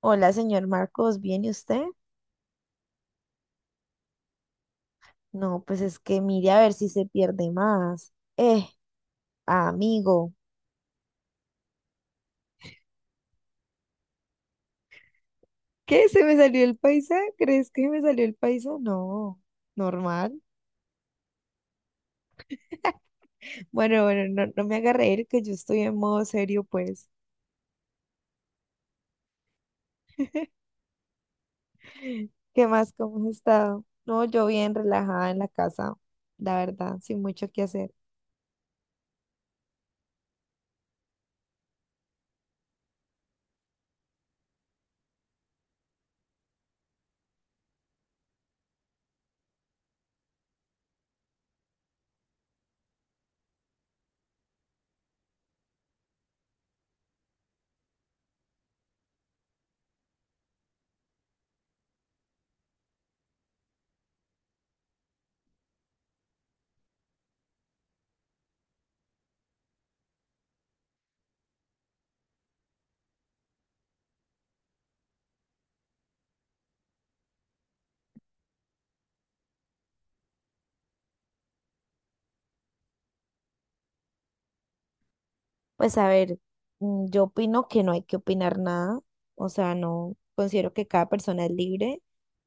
Hola, señor Marcos, ¿viene usted? No, pues es que mire a ver si se pierde más. Amigo. ¿Qué? ¿Se me salió el paisa? ¿Crees que me salió el paisa? No, normal. Bueno, bueno, no, no me haga reír que yo estoy en modo serio, pues. ¿Qué más? ¿Cómo has estado? No, yo bien relajada en la casa, la verdad, sin mucho que hacer. Pues a ver, yo opino que no hay que opinar nada, o sea, no, considero que cada persona es libre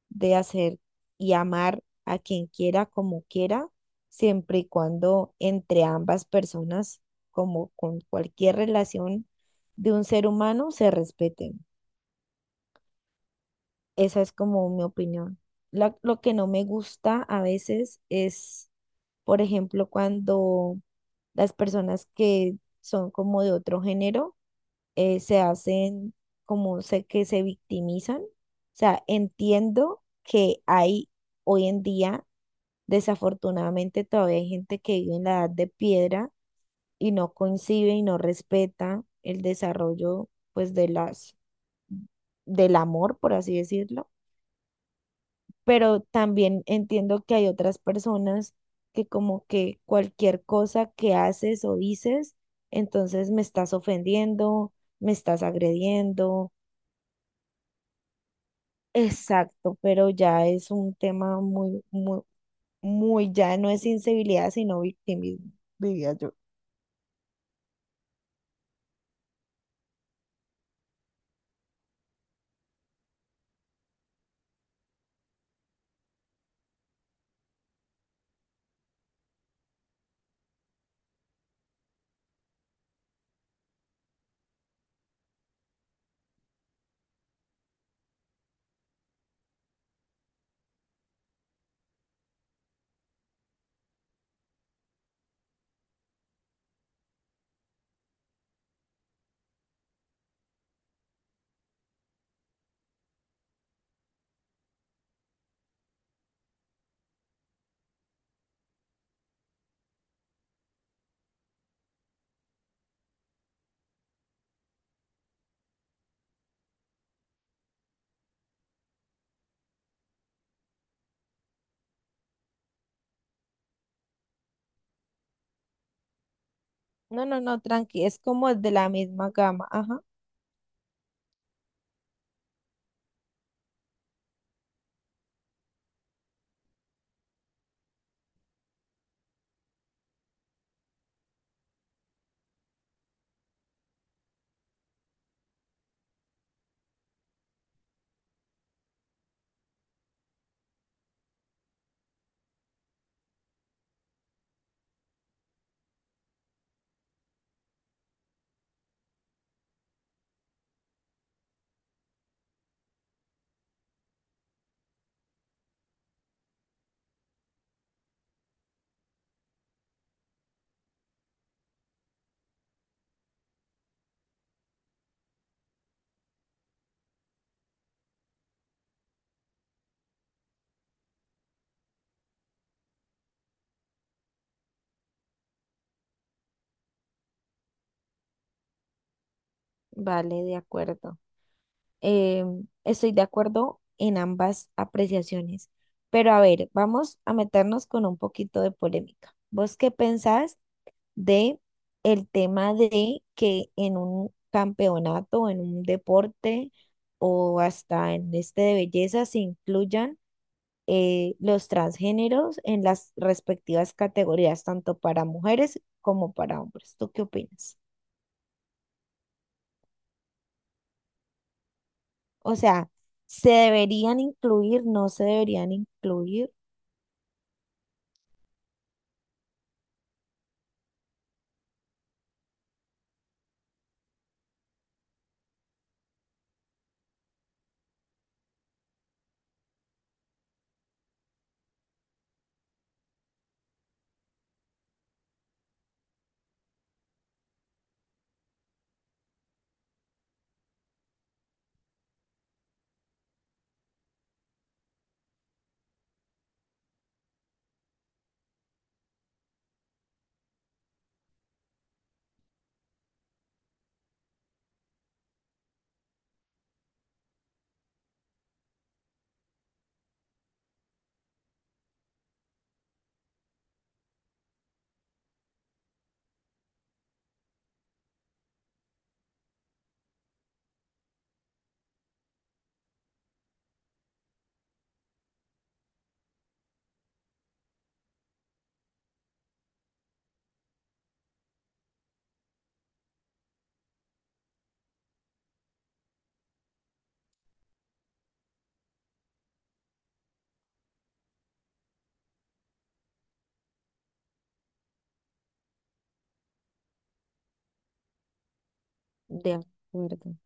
de hacer y amar a quien quiera, como quiera, siempre y cuando entre ambas personas, como con cualquier relación de un ser humano, se respeten. Esa es como mi opinión. Lo que no me gusta a veces es, por ejemplo, cuando las personas que son como de otro género se hacen como sé que se victimizan. O sea, entiendo que hay hoy en día desafortunadamente todavía hay gente que vive en la edad de piedra y no concibe y no respeta el desarrollo pues de las del amor, por así decirlo, pero también entiendo que hay otras personas que como que cualquier cosa que haces o dices, entonces me estás ofendiendo, me estás agrediendo. Exacto, pero ya es un tema muy, muy, muy, ya no es insensibilidad, sino victimismo, diría yo. No, no, no, tranqui, es como de la misma gama. Ajá, vale, de acuerdo. Eh, Estoy de acuerdo en ambas apreciaciones. Pero a ver, vamos a meternos con un poquito de polémica. ¿Vos qué pensás de el tema de que en un campeonato, en un deporte o hasta en este de belleza se incluyan los transgéneros en las respectivas categorías, tanto para mujeres como para hombres? ¿Tú qué opinas? O sea, ¿se deberían incluir? ¿No se deberían incluir? De acuerdo.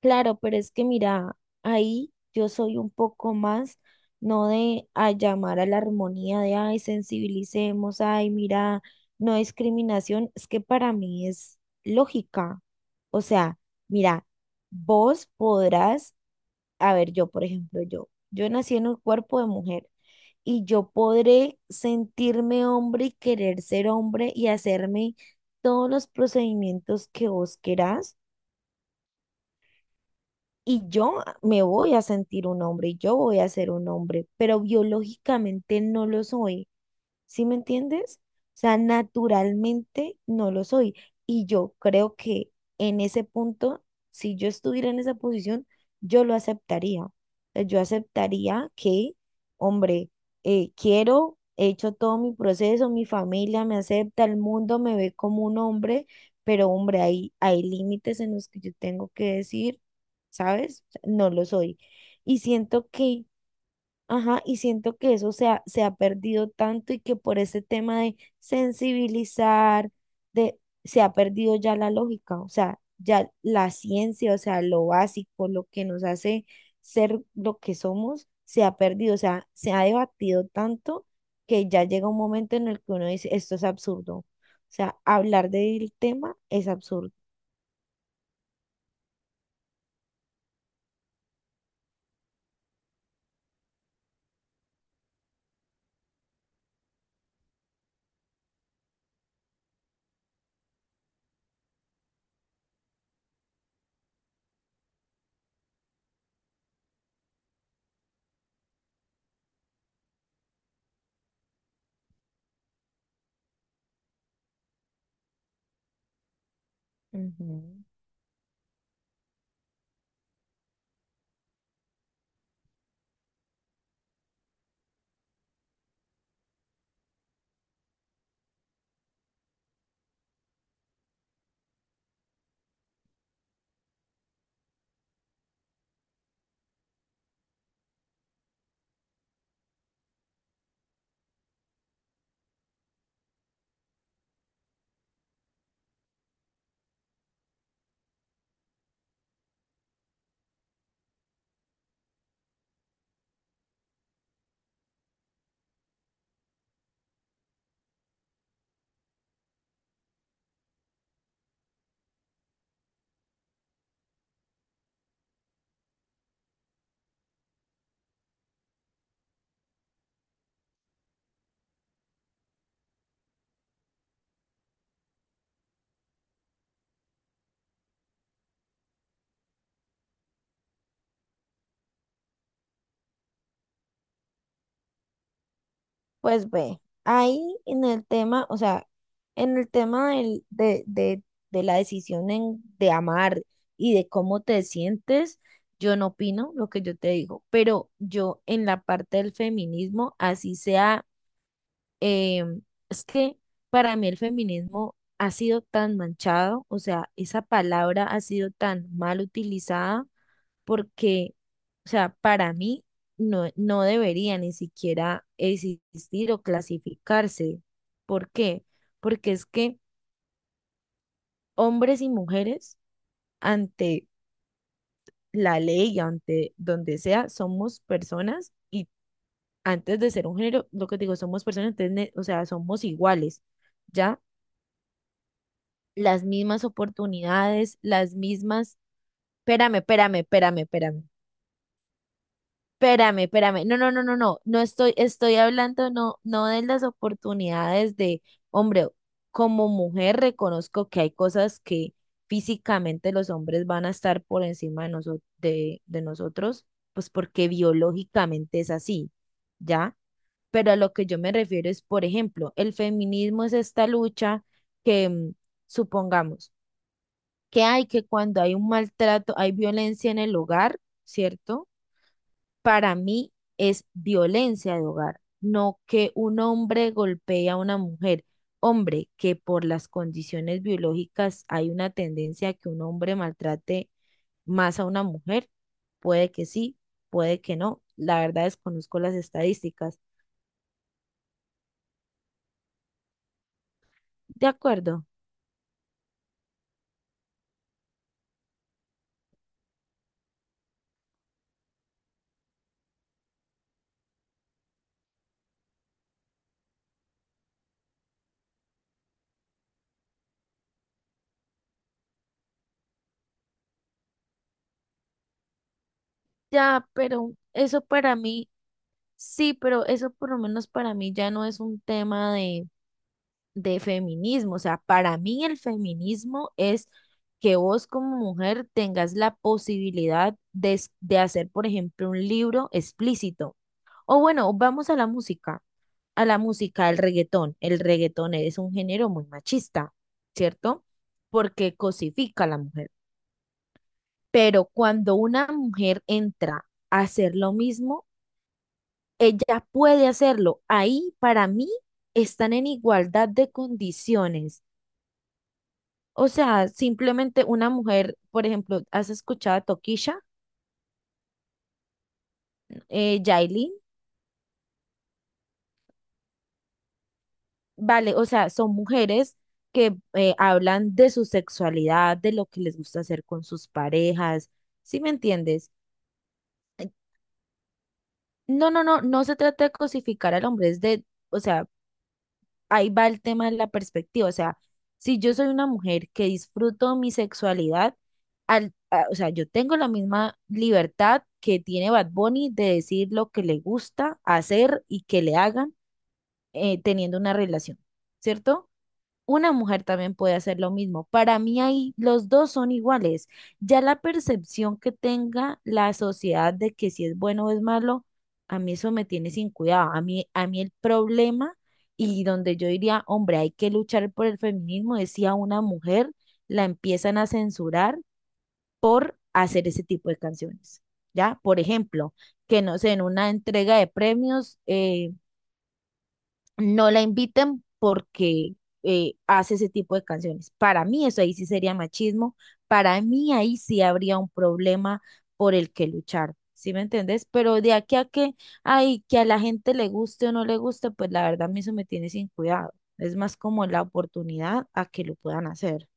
Claro, pero es que mira, ahí yo soy un poco más, no de a llamar a la armonía de, ay, sensibilicemos, ay, mira, no discriminación, es que para mí es lógica. O sea, mira, vos podrás, a ver, yo, por ejemplo, yo nací en un cuerpo de mujer. Y yo podré sentirme hombre y querer ser hombre y hacerme todos los procedimientos que vos querás. Y yo me voy a sentir un hombre y yo voy a ser un hombre, pero biológicamente no lo soy. ¿Sí me entiendes? O sea, naturalmente no lo soy. Y yo creo que en ese punto, si yo estuviera en esa posición, yo lo aceptaría. O sea, yo aceptaría que, hombre, quiero, he hecho todo mi proceso, mi familia me acepta, el mundo me ve como un hombre, pero hombre, hay límites en los que yo tengo que decir, ¿sabes? O sea, no lo soy. Y siento que Ajá, y siento que eso se ha perdido tanto y que por ese tema de sensibilizar, se ha perdido ya la lógica, o sea, ya la ciencia, o sea, lo básico, lo que nos hace ser lo que somos, se ha perdido, o sea, se ha debatido tanto que ya llega un momento en el que uno dice, esto es absurdo, o sea, hablar del tema es absurdo. Ujú. Pues ve, ahí en el tema, o sea, en el tema de la decisión de amar y de cómo te sientes, yo no opino lo que yo te digo, pero yo en la parte del feminismo, así sea. Eh, es que para mí el feminismo ha sido tan manchado, o sea, esa palabra ha sido tan mal utilizada porque, o sea, para mí no, no debería ni siquiera existir o clasificarse. ¿Por qué? Porque es que hombres y mujeres ante la ley, ante donde sea, somos personas y antes de ser un género, lo que te digo, somos personas, entonces, o sea, somos iguales. ¿Ya? Las mismas oportunidades, las mismas. Espérame, espérame, espérame, espérame. Espérame, espérame. No, no, no, no, no. No estoy hablando no, no de las oportunidades de, hombre, como mujer reconozco que hay cosas que físicamente los hombres van a estar por encima de nosotros, pues porque biológicamente es así, ¿ya? Pero a lo que yo me refiero es, por ejemplo, el feminismo es esta lucha que, supongamos, que hay que cuando hay un maltrato, hay violencia en el hogar, ¿cierto? Para mí es violencia de hogar, no que un hombre golpee a una mujer. Hombre, que por las condiciones biológicas hay una tendencia a que un hombre maltrate más a una mujer, puede que sí, puede que no. La verdad desconozco las estadísticas. De acuerdo, ya, pero eso para mí, sí, pero eso por lo menos para mí ya no es un tema de feminismo. O sea, para mí el feminismo es que vos como mujer tengas la posibilidad de, de hacer, por ejemplo, un libro explícito. O bueno, vamos a la música, al reggaetón. El reggaetón es un género muy machista, ¿cierto? Porque cosifica a la mujer. Pero cuando una mujer entra a hacer lo mismo, ella puede hacerlo. Ahí para mí están en igualdad de condiciones. O sea, simplemente una mujer, por ejemplo, ¿has escuchado a Tokisha, Yailin? Vale, o sea, son mujeres que hablan de su sexualidad, de lo que les gusta hacer con sus parejas, ¿sí me entiendes? No, no, no, no se trata de cosificar al hombre, es de, o sea, ahí va el tema de la perspectiva. O sea, si yo soy una mujer que disfruto mi sexualidad, o sea, yo tengo la misma libertad que tiene Bad Bunny de decir lo que le gusta hacer y que le hagan teniendo una relación, ¿cierto? Una mujer también puede hacer lo mismo. Para mí ahí los dos son iguales. Ya la percepción que tenga la sociedad de que si es bueno o es malo, a mí eso me tiene sin cuidado. A mí el problema y donde yo diría, hombre, hay que luchar por el feminismo, decía una mujer, la empiezan a censurar por hacer ese tipo de canciones. ¿Ya? Por ejemplo, que no sé, en una entrega de premios, no la inviten porque hace ese tipo de canciones. Para mí eso ahí sí sería machismo, para mí ahí sí habría un problema por el que luchar, ¿sí me entendés? Pero de aquí a que, ay, que a la gente le guste o no le guste, pues la verdad a mí eso me tiene sin cuidado. Es más como la oportunidad a que lo puedan hacer.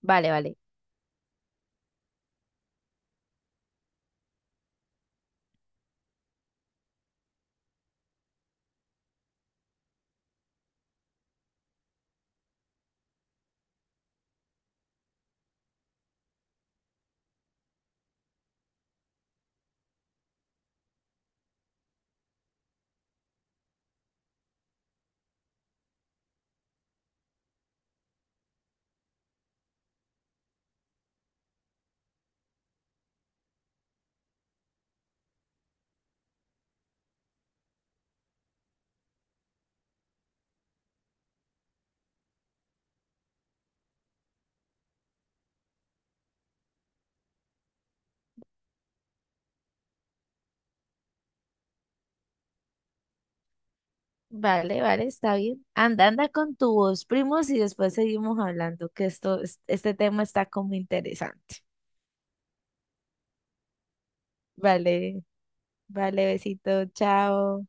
Vale, vale. Vale, vale, está bien. Anda, anda con tu voz, primos, y después seguimos hablando, que esto, este tema está como interesante. Vale. Vale, besito, chao.